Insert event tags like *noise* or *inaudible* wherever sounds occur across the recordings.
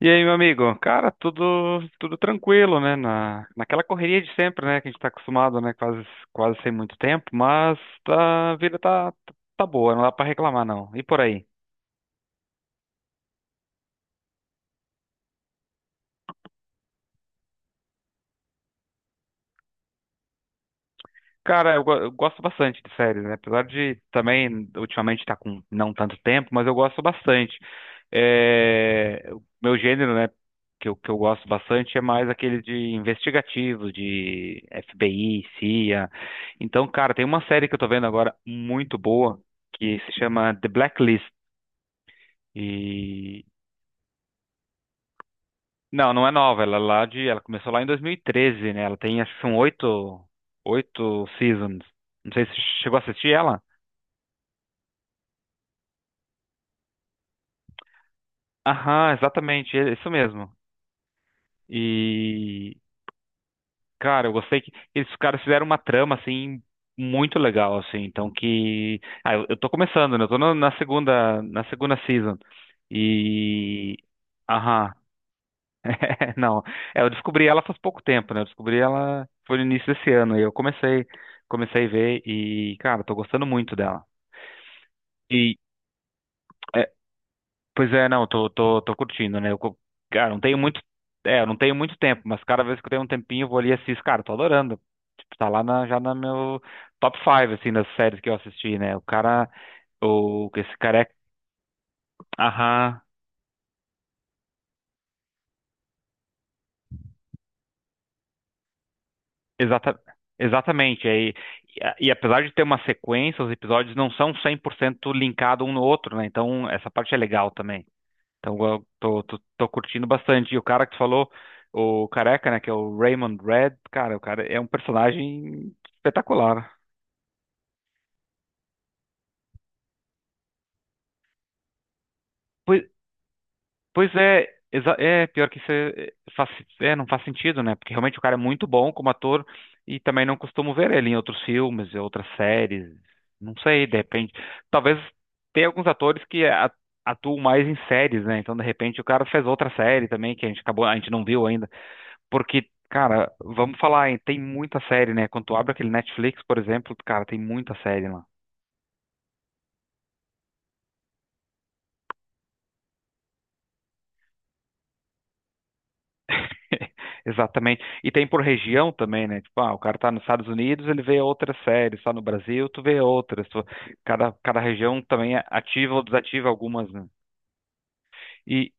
E aí, meu amigo? Cara, tudo tranquilo, né? Naquela correria de sempre, né? Que a gente tá acostumado, né? Quase sem muito tempo, mas a vida tá boa, não dá pra reclamar, não. E por aí? Cara, eu gosto bastante de séries, né? Apesar de também ultimamente estar com não tanto tempo, mas eu gosto bastante. É, o meu gênero, né, que eu gosto bastante é mais aquele de investigativo, de FBI, CIA. Então, cara, tem uma série que eu tô vendo agora muito boa que se chama The Blacklist. E não, não é nova, ela começou lá em 2013, né? Ela tem acho que são oito seasons. Não sei se você chegou a assistir ela. Aham, exatamente, é isso mesmo. E, cara, eu gostei que esses caras fizeram uma trama, assim, muito legal, assim, então que... Ah, eu tô começando, né? Eu tô na segunda season. E... Aham. *laughs* Não, é, eu descobri ela faz pouco tempo, né? Eu descobri ela foi no início desse ano, e eu comecei a ver e, cara, tô gostando muito dela. E... é, Pois é, não, tô curtindo, né? Cara, não tenho muito, eu não tenho muito tempo, mas cada vez que eu tenho um tempinho, eu vou ali e assisto. Cara, tô adorando. Tipo, já no meu top 5, assim, das séries que eu assisti, né? Esse cara é aham, exata, exatamente. E apesar de ter uma sequência, os episódios não são 100% linkados um no outro, né? Então, essa parte é legal também. Então, eu tô curtindo bastante. E o cara que tu falou, o careca, né, que é o Raymond Red, cara, o cara é um personagem espetacular. Pois, é, pior que isso é, não faz sentido, né? Porque realmente o cara é muito bom como ator e também não costumo ver ele em outros filmes, e outras séries. Não sei, de repente. Talvez tenha alguns atores que atuam mais em séries, né? Então, de repente, o cara fez outra série também que a gente não viu ainda. Porque, cara, vamos falar, hein, tem muita série, né? Quando tu abre aquele Netflix, por exemplo, cara, tem muita série lá. *laughs* Exatamente. E tem por região também, né? Tipo, ah, o cara tá nos Estados Unidos, ele vê outras séries, tá no Brasil, tu vê outras. Cada região também é ativa ou desativa algumas, né? E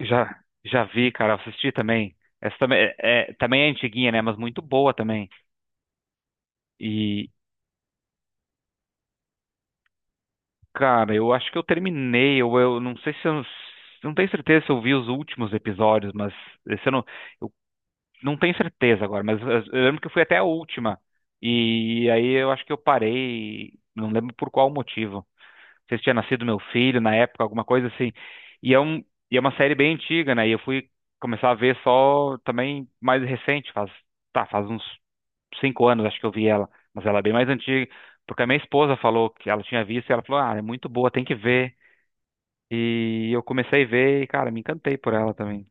já, já vi, cara, assisti também. Essa também também é antiguinha, né? Mas muito boa também. E, Cara, eu acho que eu terminei, ou eu não sei se eu não tenho certeza se eu vi os últimos episódios, mas esse eu não tenho certeza agora, mas eu lembro que eu fui até a última. E aí eu acho que eu parei, não lembro por qual motivo sei se tinha nascido meu filho na época, alguma coisa assim. E é um, e é uma série bem antiga, né? E eu fui começar a ver só também mais recente, faz uns cinco anos acho que eu vi ela, mas ela é bem mais antiga, porque a minha esposa falou que ela tinha visto e ela falou, ah, é muito boa, tem que ver. E eu comecei a ver e, cara, me encantei por ela também.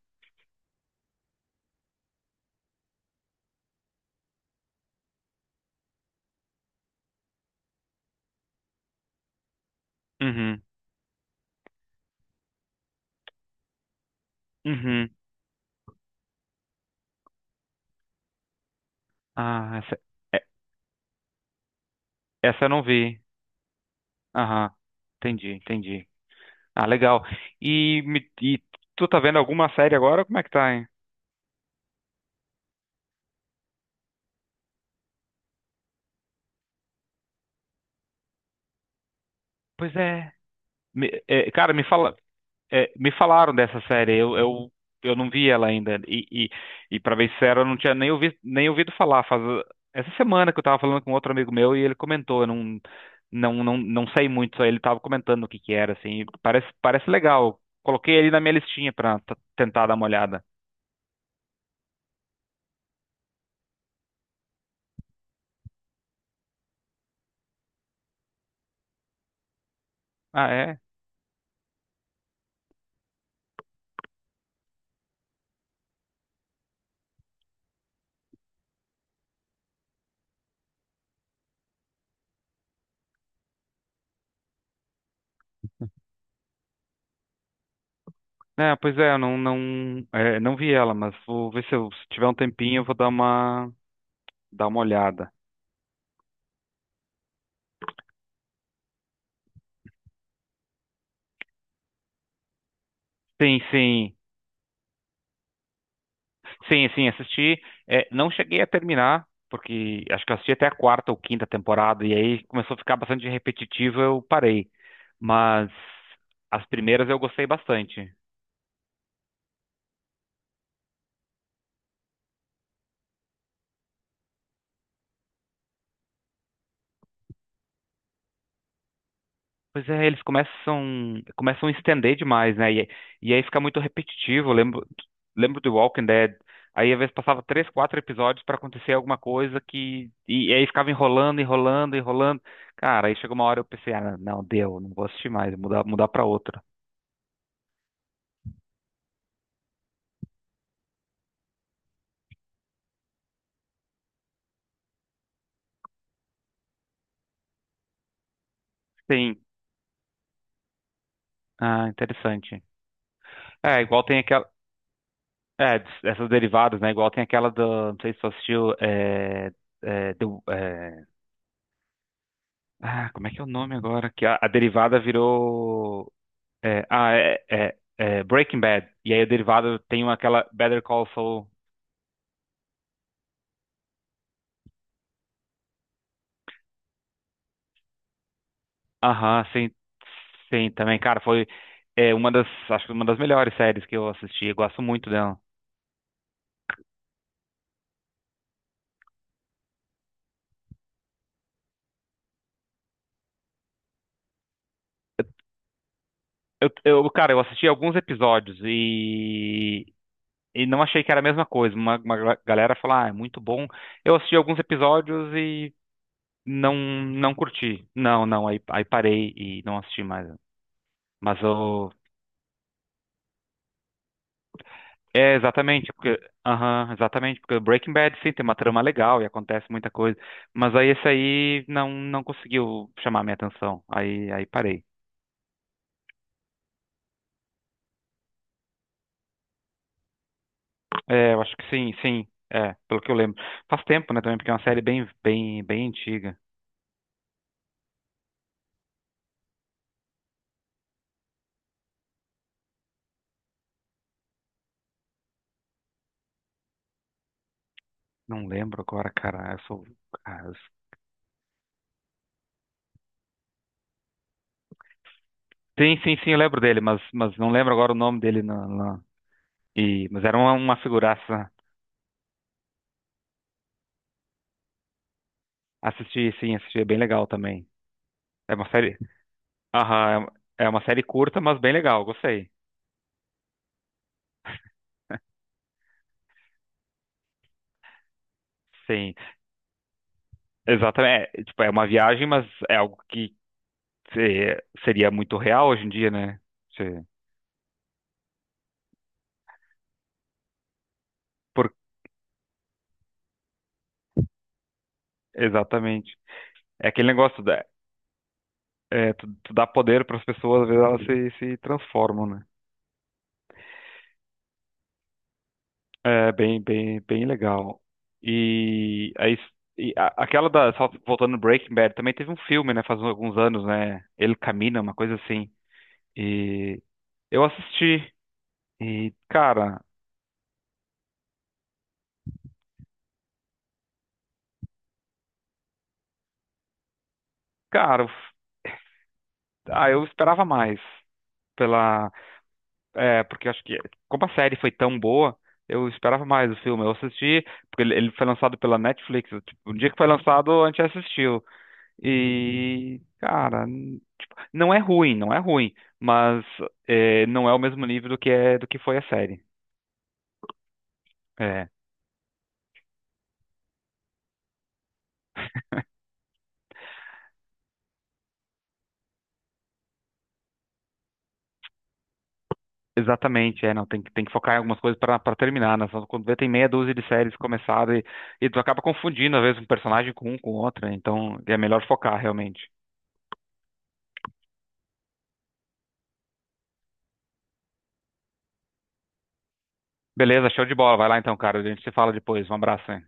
Uhum, uhum. Ah, essa, é- essa eu não vi. Aham, entendi, entendi. Ah, legal. E tu tá vendo alguma série agora? Como é que tá, Pois é. Cara, me falaram dessa série. Eu não vi ela ainda. E para bem sincero, eu não tinha nem ouvido falar. Faz essa semana que eu tava falando com outro amigo meu e ele comentou. Eu não, não, não, não sei muito. Só ele tava comentando o que que era, assim. Parece legal. Coloquei ele na minha listinha pra tentar dar uma olhada. Ah, é? É, pois é, não vi ela, mas vou ver se eu, se tiver um tempinho, eu vou dar uma olhada. Sim, sim. Sim, sim, assisti. É, não cheguei a terminar, porque acho que eu assisti até a quarta ou quinta temporada, e aí começou a ficar bastante repetitivo, eu parei. Mas as primeiras eu gostei bastante. Pois é, eles começam a estender demais, né? E aí fica muito repetitivo. Lembro do Walking Dead. Aí às vezes passava três, quatro episódios para acontecer alguma coisa que. E aí ficava enrolando. Cara, aí chegou uma hora eu pensei, ah, não, deu, não vou assistir mais, vou mudar para outra. Sim. Ah, interessante. É, igual tem aquela. É, essas derivadas, né? Igual tem aquela do. Não sei se você assistiu. É, do, é, como é que é o nome agora? Que a derivada virou. É Breaking Bad. E aí a derivada tem aquela Better Call Saul. Aham, sim. Sim, também, cara, foi uma das. Acho que uma das melhores séries que eu assisti. Eu gosto muito dela. Cara, eu assisti alguns episódios e. E não achei que era a mesma coisa. Uma galera falou, ah, é muito bom. Eu assisti alguns episódios e não curti. Não, não, aí parei e não assisti mais. Mas o é exatamente porque aham, exatamente porque Breaking Bad sim tem uma trama legal e acontece muita coisa, mas aí esse aí não conseguiu chamar minha atenção. Aí parei. É, eu acho que sim, sim. É, pelo que eu lembro. Faz tempo, né, também, porque é uma série bem antiga. Não lembro agora, cara. Cara, Sim, sim, sim, eu lembro dele, mas não lembro agora o nome dele. E, mas era uma figuraça. Assisti, sim, assisti, é bem legal também. É uma série. Aham, é uma série curta, mas bem legal, gostei. Sim, exatamente. Tipo, é uma viagem, mas é algo que seria muito real hoje em dia, né? Se- por, exatamente. É aquele negócio da, é, tu dá poder para as pessoas, às vezes elas se transformam, né? É bem legal. E aí, aquela da, só voltando no Breaking Bad, também teve um filme, né, faz alguns anos, né? Ele Camina, uma coisa assim. E eu assisti e, cara, ah, eu esperava mais pela, Porque eu acho que como a série foi tão boa, eu esperava mais o filme. Eu assisti porque ele foi lançado pela Netflix. Tipo, o dia que foi lançado, a gente assistiu. E, cara, tipo, não é ruim, mas não é o mesmo nível do que é do que foi a série. É, exatamente, é, não, tem que focar em algumas coisas para terminar, né? Só quando vê, tem meia dúzia de séries começadas e tu acaba confundindo, às vezes, um personagem com um com outro, né? Então é melhor focar realmente. Beleza, show de bola, vai lá então, cara, a gente se fala depois, um abraço, hein?